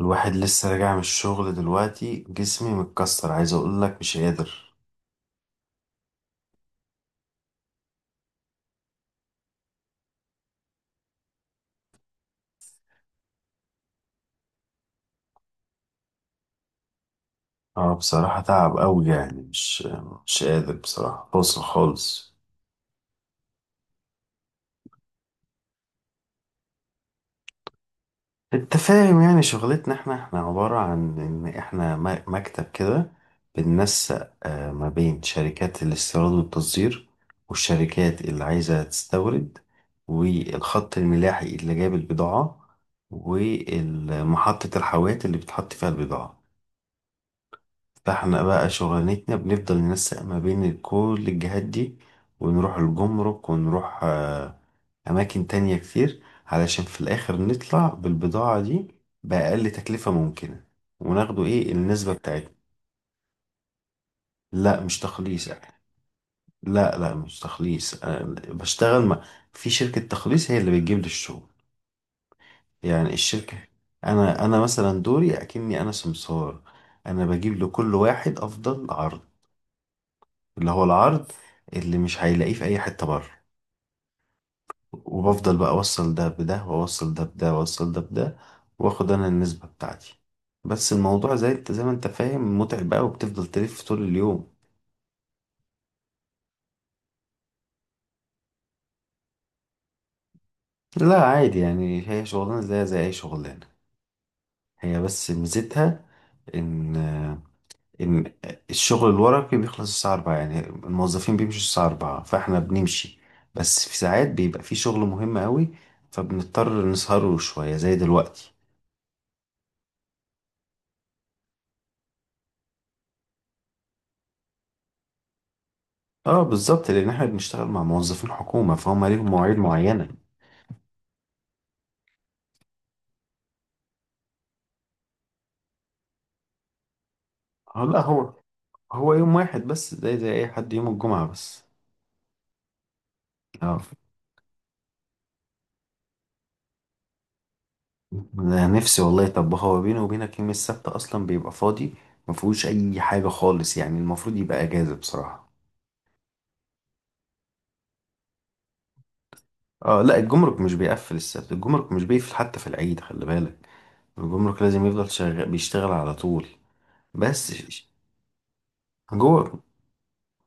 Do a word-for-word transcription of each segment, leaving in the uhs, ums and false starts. الواحد لسه راجع من الشغل دلوقتي، جسمي متكسر، عايز اقول لك مش قادر. اه، بصراحة تعب قوي يعني مش مش قادر، بصراحة بوصل خالص. انت فاهم، يعني شغلتنا احنا احنا عبارة عن ان احنا م- مكتب كده، بننسق آه، ما بين شركات الاستيراد والتصدير، والشركات اللي عايزة تستورد، والخط الملاحي اللي جاب البضاعة، ومحطة الحاويات اللي بتحط فيها البضاعة. فاحنا بقى شغلانتنا بنفضل ننسق ما بين كل الجهات دي، ونروح الجمرك، ونروح آه، أماكن تانية كتير، علشان في الآخر نطلع بالبضاعة دي بأقل تكلفة ممكنة، وناخده إيه النسبة بتاعتنا. لا، مش تخليص. لا، لا مش تخليص. أنا بشتغل مع، في شركة تخليص هي اللي بتجيب لي الشغل، يعني الشركة. أنا أنا مثلا دوري أكني أنا سمسار، أنا بجيب لكل واحد أفضل عرض، اللي هو العرض اللي مش هيلاقيه في اي حتة بره. وبفضل بقى اوصل ده بده، واوصل ده بده، واوصل ده بده، واخد انا النسبة بتاعتي. بس الموضوع، زي انت زي ما انت فاهم، متعب بقى وبتفضل تلف طول اليوم. لا، عادي يعني، هي شغلانة زي زي اي شغلانة. هي بس ميزتها ان ان الشغل الورقي بيخلص الساعة الرابعة، يعني الموظفين بيمشوا الساعة الرابعة، فاحنا بنمشي. بس في ساعات بيبقى في شغل مهم قوي، فبنضطر نسهره شوية زي دلوقتي. اه بالظبط، لان احنا بنشتغل مع موظفين حكومه، فهم ليهم مواعيد معينه. اه، لا، هو هو يوم واحد بس، زي زي اي حد، يوم الجمعه بس. اه. أنا نفسي والله، طب هو بيني وبينك يوم السبت اصلا بيبقى فاضي، ما فيهوش اي حاجه خالص، يعني المفروض يبقى اجازه بصراحه. اه، لا، الجمرك مش بيقفل السبت، الجمرك مش بيقفل حتى في العيد، خلي بالك، الجمرك لازم يفضل شغال، بيشتغل على طول. بس ش- ش- جوه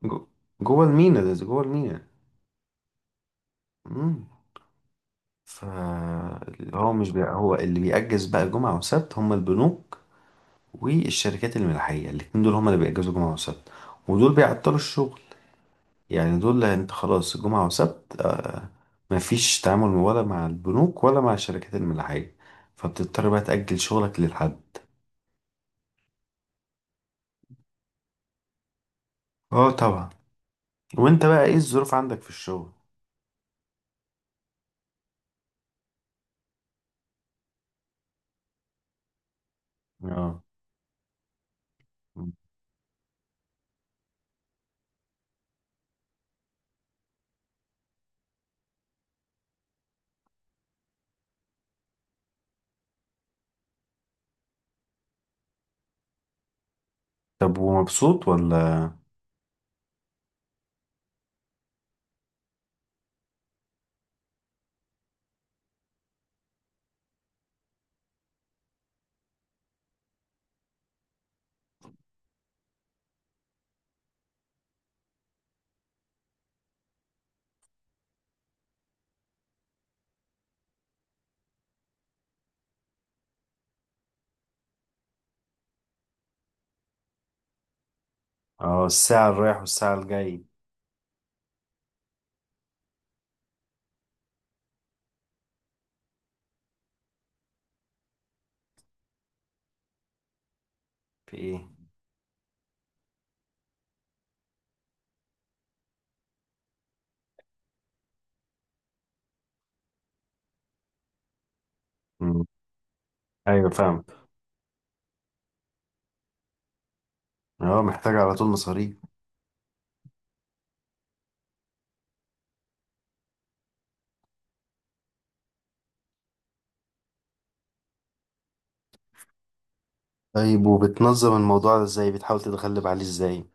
جو- جوه المينا، ده جوه المينا. مم. فهو مش بي... هو اللي بيأجز بقى جمعة وسبت هم البنوك، والشركات الملاحية، الاتنين دول هم اللي بيأجزوا جمعة وسبت، ودول بيعطلوا الشغل، يعني دول انت خلاص جمعة وسبت، آه مفيش تعامل ولا مع البنوك ولا مع الشركات الملاحية، فبتضطر بقى تأجل شغلك للحد. اه طبعا. وانت بقى ايه الظروف عندك في الشغل؟ اه. طب ومبسوط ولا؟ اه، الساعة اللي رايح والساعة الجاي. في ايه؟ مم. ايوه فاهم، اه محتاج على طول مصاريف. طيب، وبتنظم الموضوع ده ازاي؟ بتحاول تتغلب عليه ازاي؟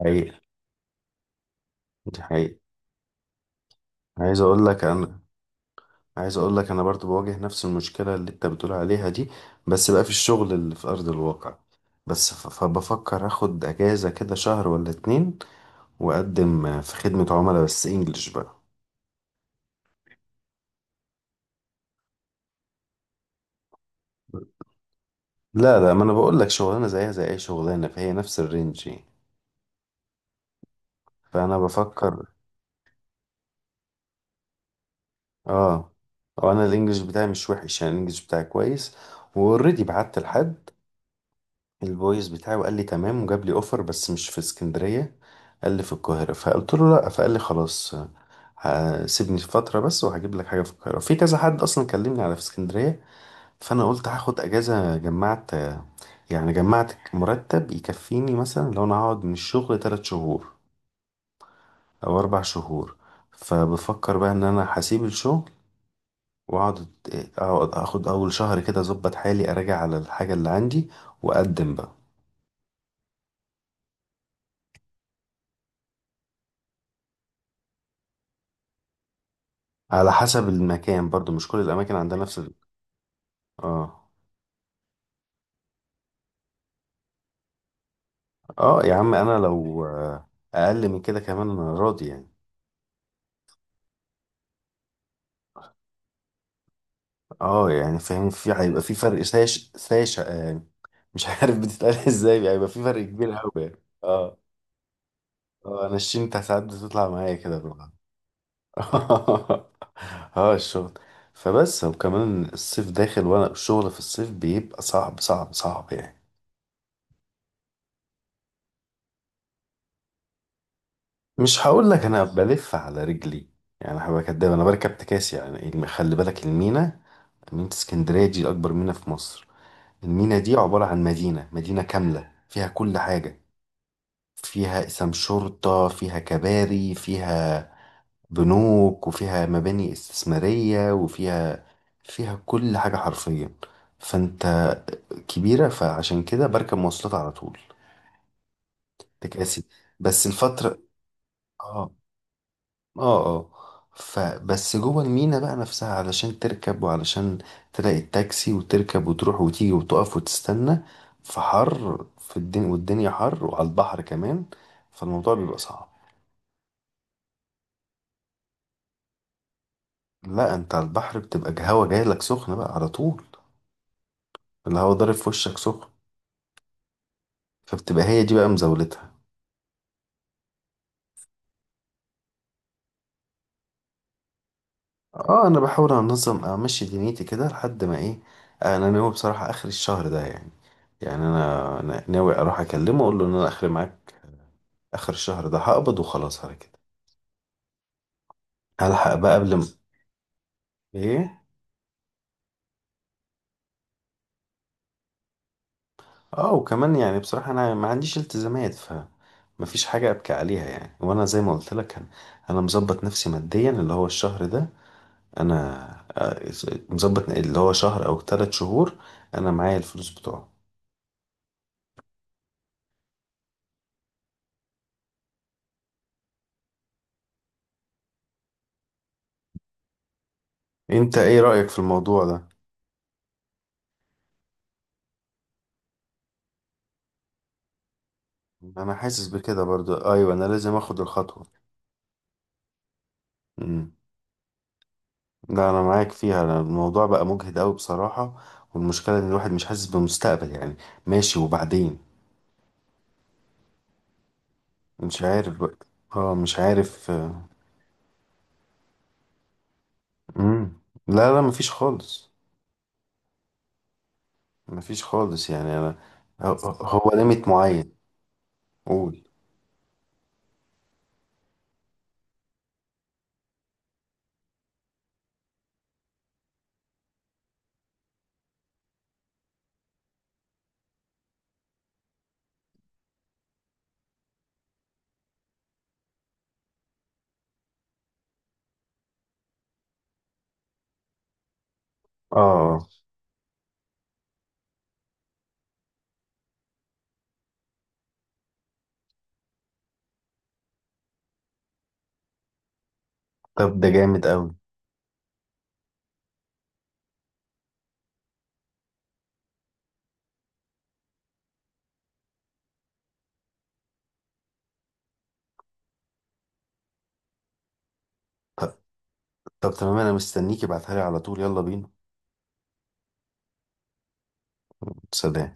حقيقة. دي حقيقة. عايز اقول لك انا عايز اقول لك، انا برضو بواجه نفس المشكلة اللي انت بتقول عليها دي، بس بقى في الشغل اللي في ارض الواقع. بس ف- فبفكر اخد اجازة كده شهر ولا اتنين، واقدم في خدمة عملاء بس انجلش بقى. لا، لا، ما انا بقول لك شغلانة زيها زي اي شغلانة، فهي نفس الرينج يعني. فانا بفكر. اه، وانا الانجليش بتاعي مش وحش يعني، الانجليش بتاعي كويس. واوريدي بعت لحد الفويس بتاعي، وقال لي تمام، وجاب لي اوفر بس مش في اسكندرية، قال لي في القاهرة، فقلت له لا، فقال لي خلاص. ه- سيبني فترة بس، وهجيب لك حاجة في القاهرة، في كذا حد اصلا كلمني على في اسكندرية. فانا قلت هاخد اجازة، جمعت، يعني جمعت مرتب يكفيني مثلا لو انا هقعد من الشغل تلات شهور او اربع شهور. فبفكر بقى ان انا هسيب الشغل، واقعد اقعد اخد اول شهر كده اظبط حالي، اراجع على الحاجة اللي عندي، واقدم بقى. على حسب المكان برضو، مش كل الاماكن عندها نفس ال... اه. اه، يا عم انا لو آه، اقل من كده كمان انا راضي يعني. اه، يعني فاهم، في، هيبقى في فرق ساش ساش آه. مش عارف بتتقال ازاي، يعني هيبقى في فرق كبير قوي يعني، اه. اه، انا الشنطة ساعات بتطلع معايا كده بالغلط. اه، الشغل. فبس، وكمان الصيف داخل، وانا الشغل في الصيف بيبقى صعب صعب صعب يعني. مش هقول لك انا بلف على رجلي، يعني هبقى كداب، انا بركب تكاسي، يعني الم- خلي بالك، المينا، مينا اسكندريه دي اكبر مينا في مصر. المينا دي عباره عن مدينه مدينه كامله، فيها كل حاجه، فيها قسم شرطه، فيها كباري، فيها بنوك، وفيها مباني استثماريه، وفيها فيها كل حاجه حرفيا. فانت، كبيره، فعشان كده بركب مواصلات على طول، تكاسي. بس الفتره آه، اه اه. فبس جوه المينا بقى نفسها، علشان تركب، وعلشان تلاقي التاكسي، وتركب، وتروح، وتيجي، وتقف، وتستنى في حر، في الدنيا، والدنيا حر، وعلى البحر كمان، فالموضوع بيبقى صعب. لا، انت على البحر بتبقى الهوا جاي لك سخن بقى على طول، الهوا ضارب في وشك سخن. فبتبقى هي دي بقى مزاولتها. اه، انا بحاول انظم، امشي دنيتي كده لحد ما ايه، انا ناوي بصراحة اخر الشهر ده يعني، يعني انا أنا ناوي اروح اكلمه، اقول له ان انا اخر معاك، اخر الشهر ده هقبض وخلاص على كده. هلحق بقى قبل ما ايه. اه، وكمان يعني بصراحة انا ما عنديش التزامات، ف مفيش حاجة ابكي عليها يعني، وانا زي ما قلت لك انا أنا مظبط نفسي ماديا، اللي هو الشهر ده انا آه، مظبط، اللي هو شهر او ثلاث شهور انا معايا الفلوس بتوعه. انت ايه رأيك في الموضوع ده؟ انا حاسس بكده برضو، ايوه، انا لازم اخد الخطوة. لا، انا معاك فيها، أنا الموضوع بقى مجهد قوي بصراحة، والمشكلة ان الواحد مش حاسس بمستقبل يعني، ماشي وبعدين مش عارف بقى. اه مش عارف. امم لا، لا، مفيش خالص. مفيش خالص، يعني انا، هو هو ليميت معين. قول. اه، طب ده جامد قوي. طب، طب تمام، انا مستنيك، ابعتها لي على طول، يلا بينا. سلام.